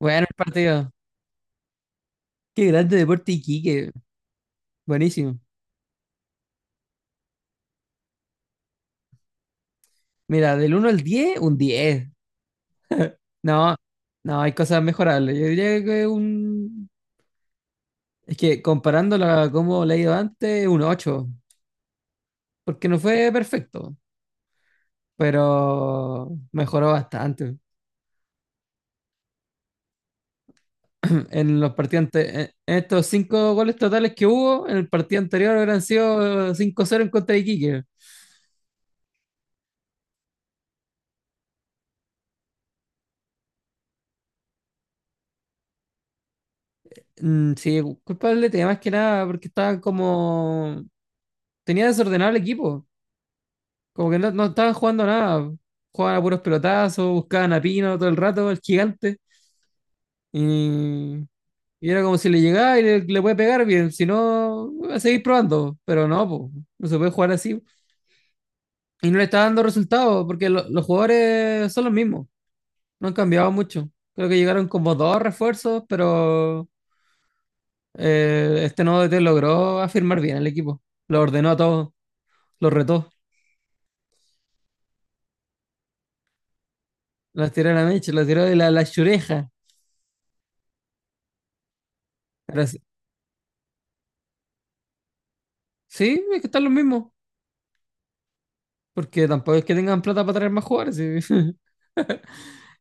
Bueno, el partido. Qué grande Deporte Iquique. Buenísimo. Mira, del 1 al 10, un 10 No, no, hay cosas mejorables. Yo diría que un... Es que comparándola a cómo le he ido antes, un 8. Porque no fue perfecto, pero mejoró bastante. En los partidos en estos 5 goles totales que hubo, en el partido anterior hubieran sido 5 cero en contra de Iquique. Mm, sí, culpable tenía más que nada porque estaba como... Tenía desordenado el equipo. Como que no, no estaban jugando a nada. Jugaban a puros pelotazos, buscaban a Pino todo el rato, el gigante. Y, y era como si le llegaba y le puede pegar bien. Si no, va a seguir probando. Pero no, po, no se puede jugar así. Y no le está dando resultados porque los jugadores son los mismos. No han cambiado mucho. Creo que llegaron como dos refuerzos, pero este nuevo DT logró afirmar bien el equipo. Lo ordenó a todos, lo retó. Las tiró a la mecha, las tiró de la chureja. Pero sí, sí, es que están los mismos. Porque tampoco es que tengan plata para traer más jugadores. Sí.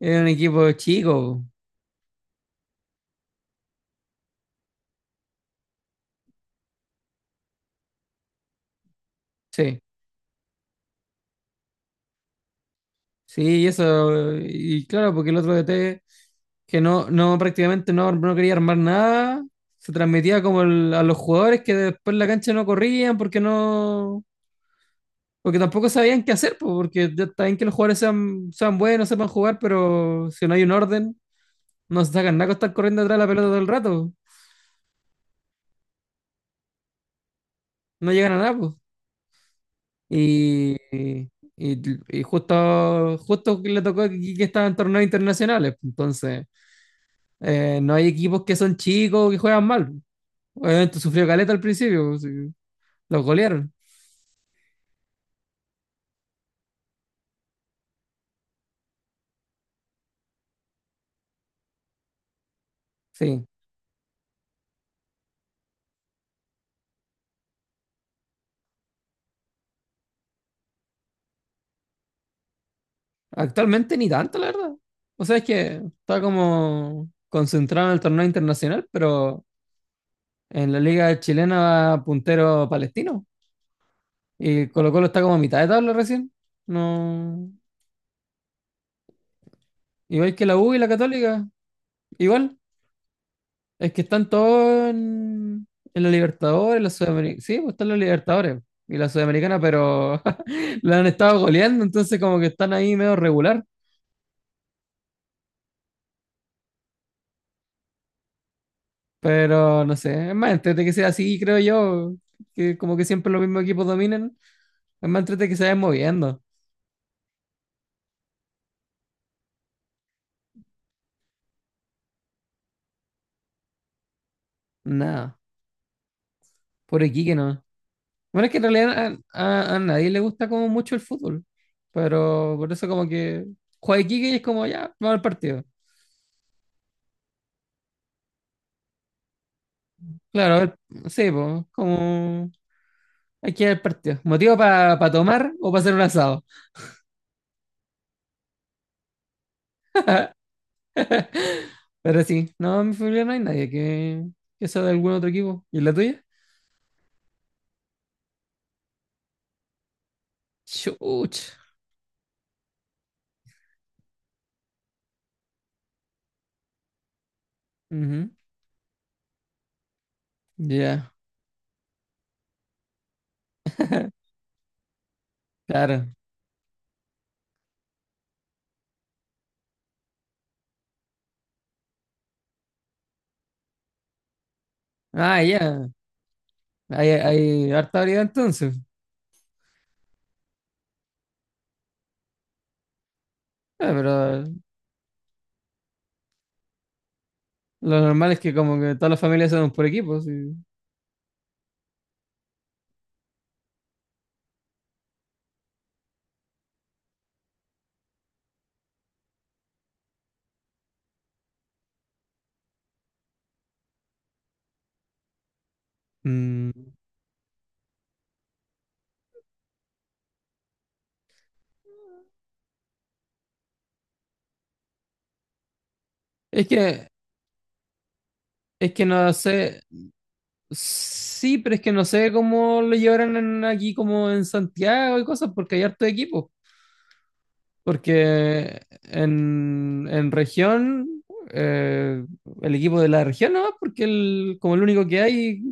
Es un equipo chico. Sí. Sí, y eso. Y claro, porque el otro DT, que no prácticamente no quería armar nada, se transmitía como a los jugadores que después en la cancha no corrían porque no. Porque tampoco sabían qué hacer, po, porque ya está bien que los jugadores sean buenos, sepan jugar, pero si no hay un orden, no se sacan nada con estar corriendo atrás de la pelota todo el rato. No llegan a nada, pues. Y, y- y justo, justo que le tocó que estaba en torneos internacionales, pues. Entonces, no hay equipos que son chicos que juegan mal, pues. Obviamente sufrió caleta al principio, pues, sí, los golearon. Sí, actualmente ni tanto, la verdad. O sea, es que está como concentrado en el torneo internacional, pero en la liga chilena va puntero palestino. Y Colo Colo está como a mitad de tabla recién. No, igual que la U y la Católica, igual. Es que están todos en la Libertadores, la Sudamericana. Sí, pues están los Libertadores y la Sudamericana, pero la han estado goleando, entonces como que están ahí medio regular. Pero no sé, es más entrete que sea así, creo yo, que como que siempre los mismos equipos dominan. Es más entrete que se vayan moviendo. Nada, por aquí que no. Bueno, es que en realidad a nadie le gusta como mucho el fútbol, pero por eso como que juega Iquique y es como ya, va al partido. Claro, a ver, sí, pues, como aquí el partido. Motivo para pa tomar o para hacer un asado. Pero sí, no, en mi familia no hay nadie que sea de algún otro equipo. ¿Y la tuya? Chuch. Ujú. Ya, claro. Ah, ya. Hay harta variedad entonces. Ah, pero lo normal es que como que todas las familias son por equipos. Y- Mm, Es que, es que no sé. Sí, pero es que no sé cómo lo llevarán aquí como en Santiago y cosas, porque hay harto equipos. Porque en región, eh, el equipo de la región no, porque el, como el único que hay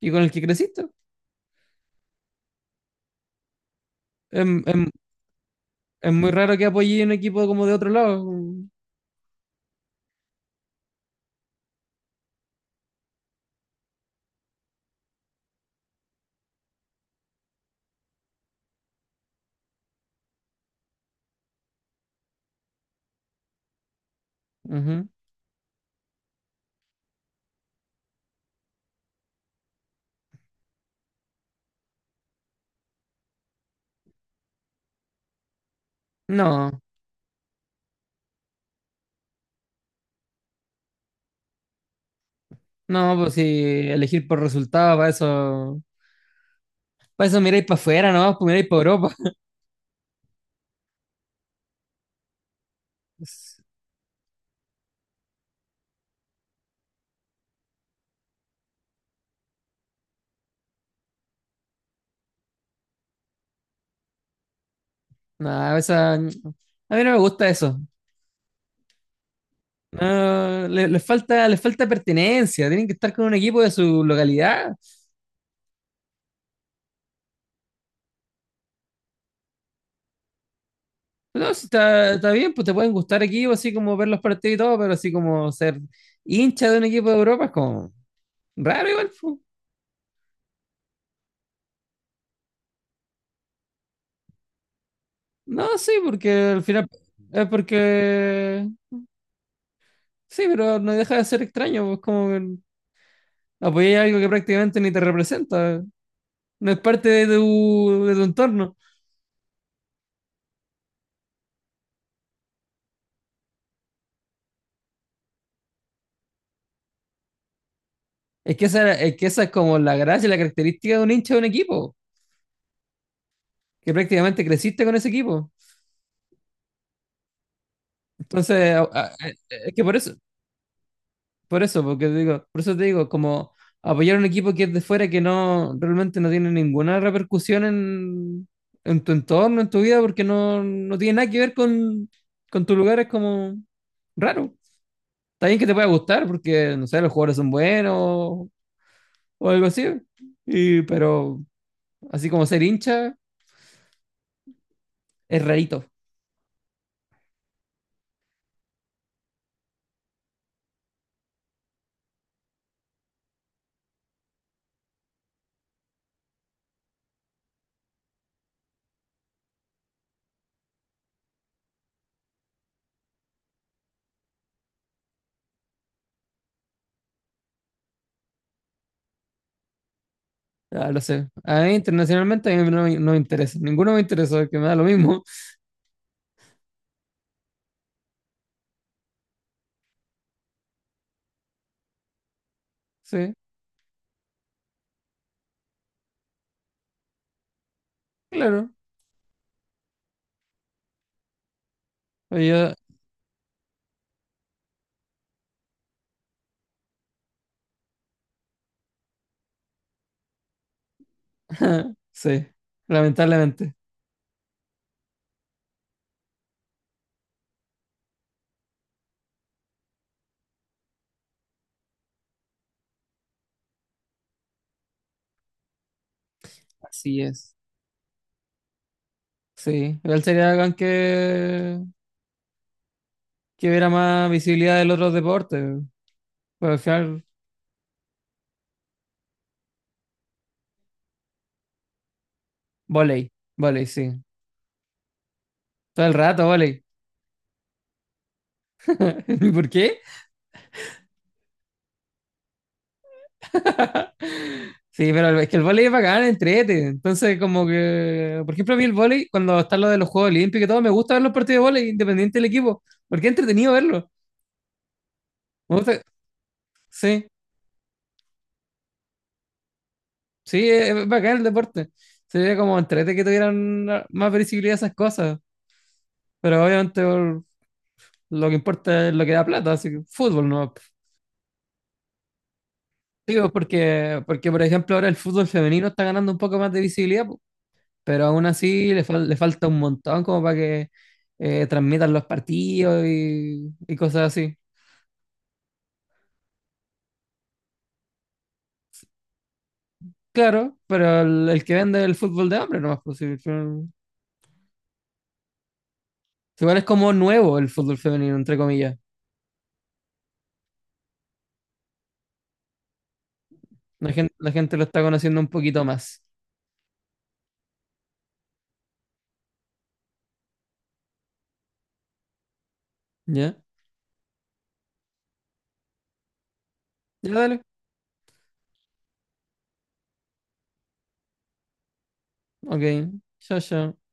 y con el que creciste. Em- em- Es muy raro que apoye un equipo como de otro lado. Ujú. No, no, pues si elegir por resultados, para eso miráis para afuera, no, pues miráis para Europa. Es- Nada, esa- a mí no me gusta eso. No, les falta pertenencia, tienen que estar con un equipo de su localidad. No, si está, está bien, pues te pueden gustar equipos, así como ver los partidos y todo, pero así como ser hincha de un equipo de Europa es como raro igual, pues. No, sí, porque al final es porque sí, pero no deja de ser extraño, pues como que apoyar algo que prácticamente ni te representa, no es parte de tu entorno. Es que esa es como la gracia y la característica de un hincha de un equipo, que prácticamente creciste con ese equipo. Entonces, es que por eso, por eso, porque te digo, por eso te digo, como apoyar a un equipo que es de fuera que no realmente no tiene ninguna repercusión en tu entorno, en tu vida, porque no, no tiene nada que ver con tu lugar, es como raro. Está bien que te pueda gustar, porque no sé, los jugadores son buenos o algo así. Y, pero así como ser hincha, es rarito. Ah, lo sé. A mí internacionalmente a mí no, no me interesa. Ninguno me interesa, que me da lo mismo. Sí, claro. Oye, sí, lamentablemente. Así es. Sí, igual sería bacán que hubiera más visibilidad del otro deporte. Pero al final, vóley, vóley, sí. Todo el rato vóley. ¿Y por qué? Sí, pero es que el vóley es bacán, entrete. Entonces, como que, por ejemplo, a mí el vóley, cuando está lo de los Juegos Olímpicos y todo, me gusta ver los partidos de vóley, independiente del equipo, porque es entretenido verlo. Me gusta, sí, sí, es bacán el deporte. Sería como entrete que tuvieran más visibilidad esas cosas. Pero obviamente lo que importa es lo que da plata, así que fútbol, ¿no? Digo, porque, porque, por ejemplo, ahora el fútbol femenino está ganando un poco más de visibilidad, po, pero aún así le falta un montón como para que transmitan los partidos y cosas así. Claro, pero el que vende el fútbol de hombre no más posible. Igual es como nuevo el fútbol femenino, entre comillas. La gente lo está conociendo un poquito más. ¿Ya? Ya dale. Ok. Chao, chao.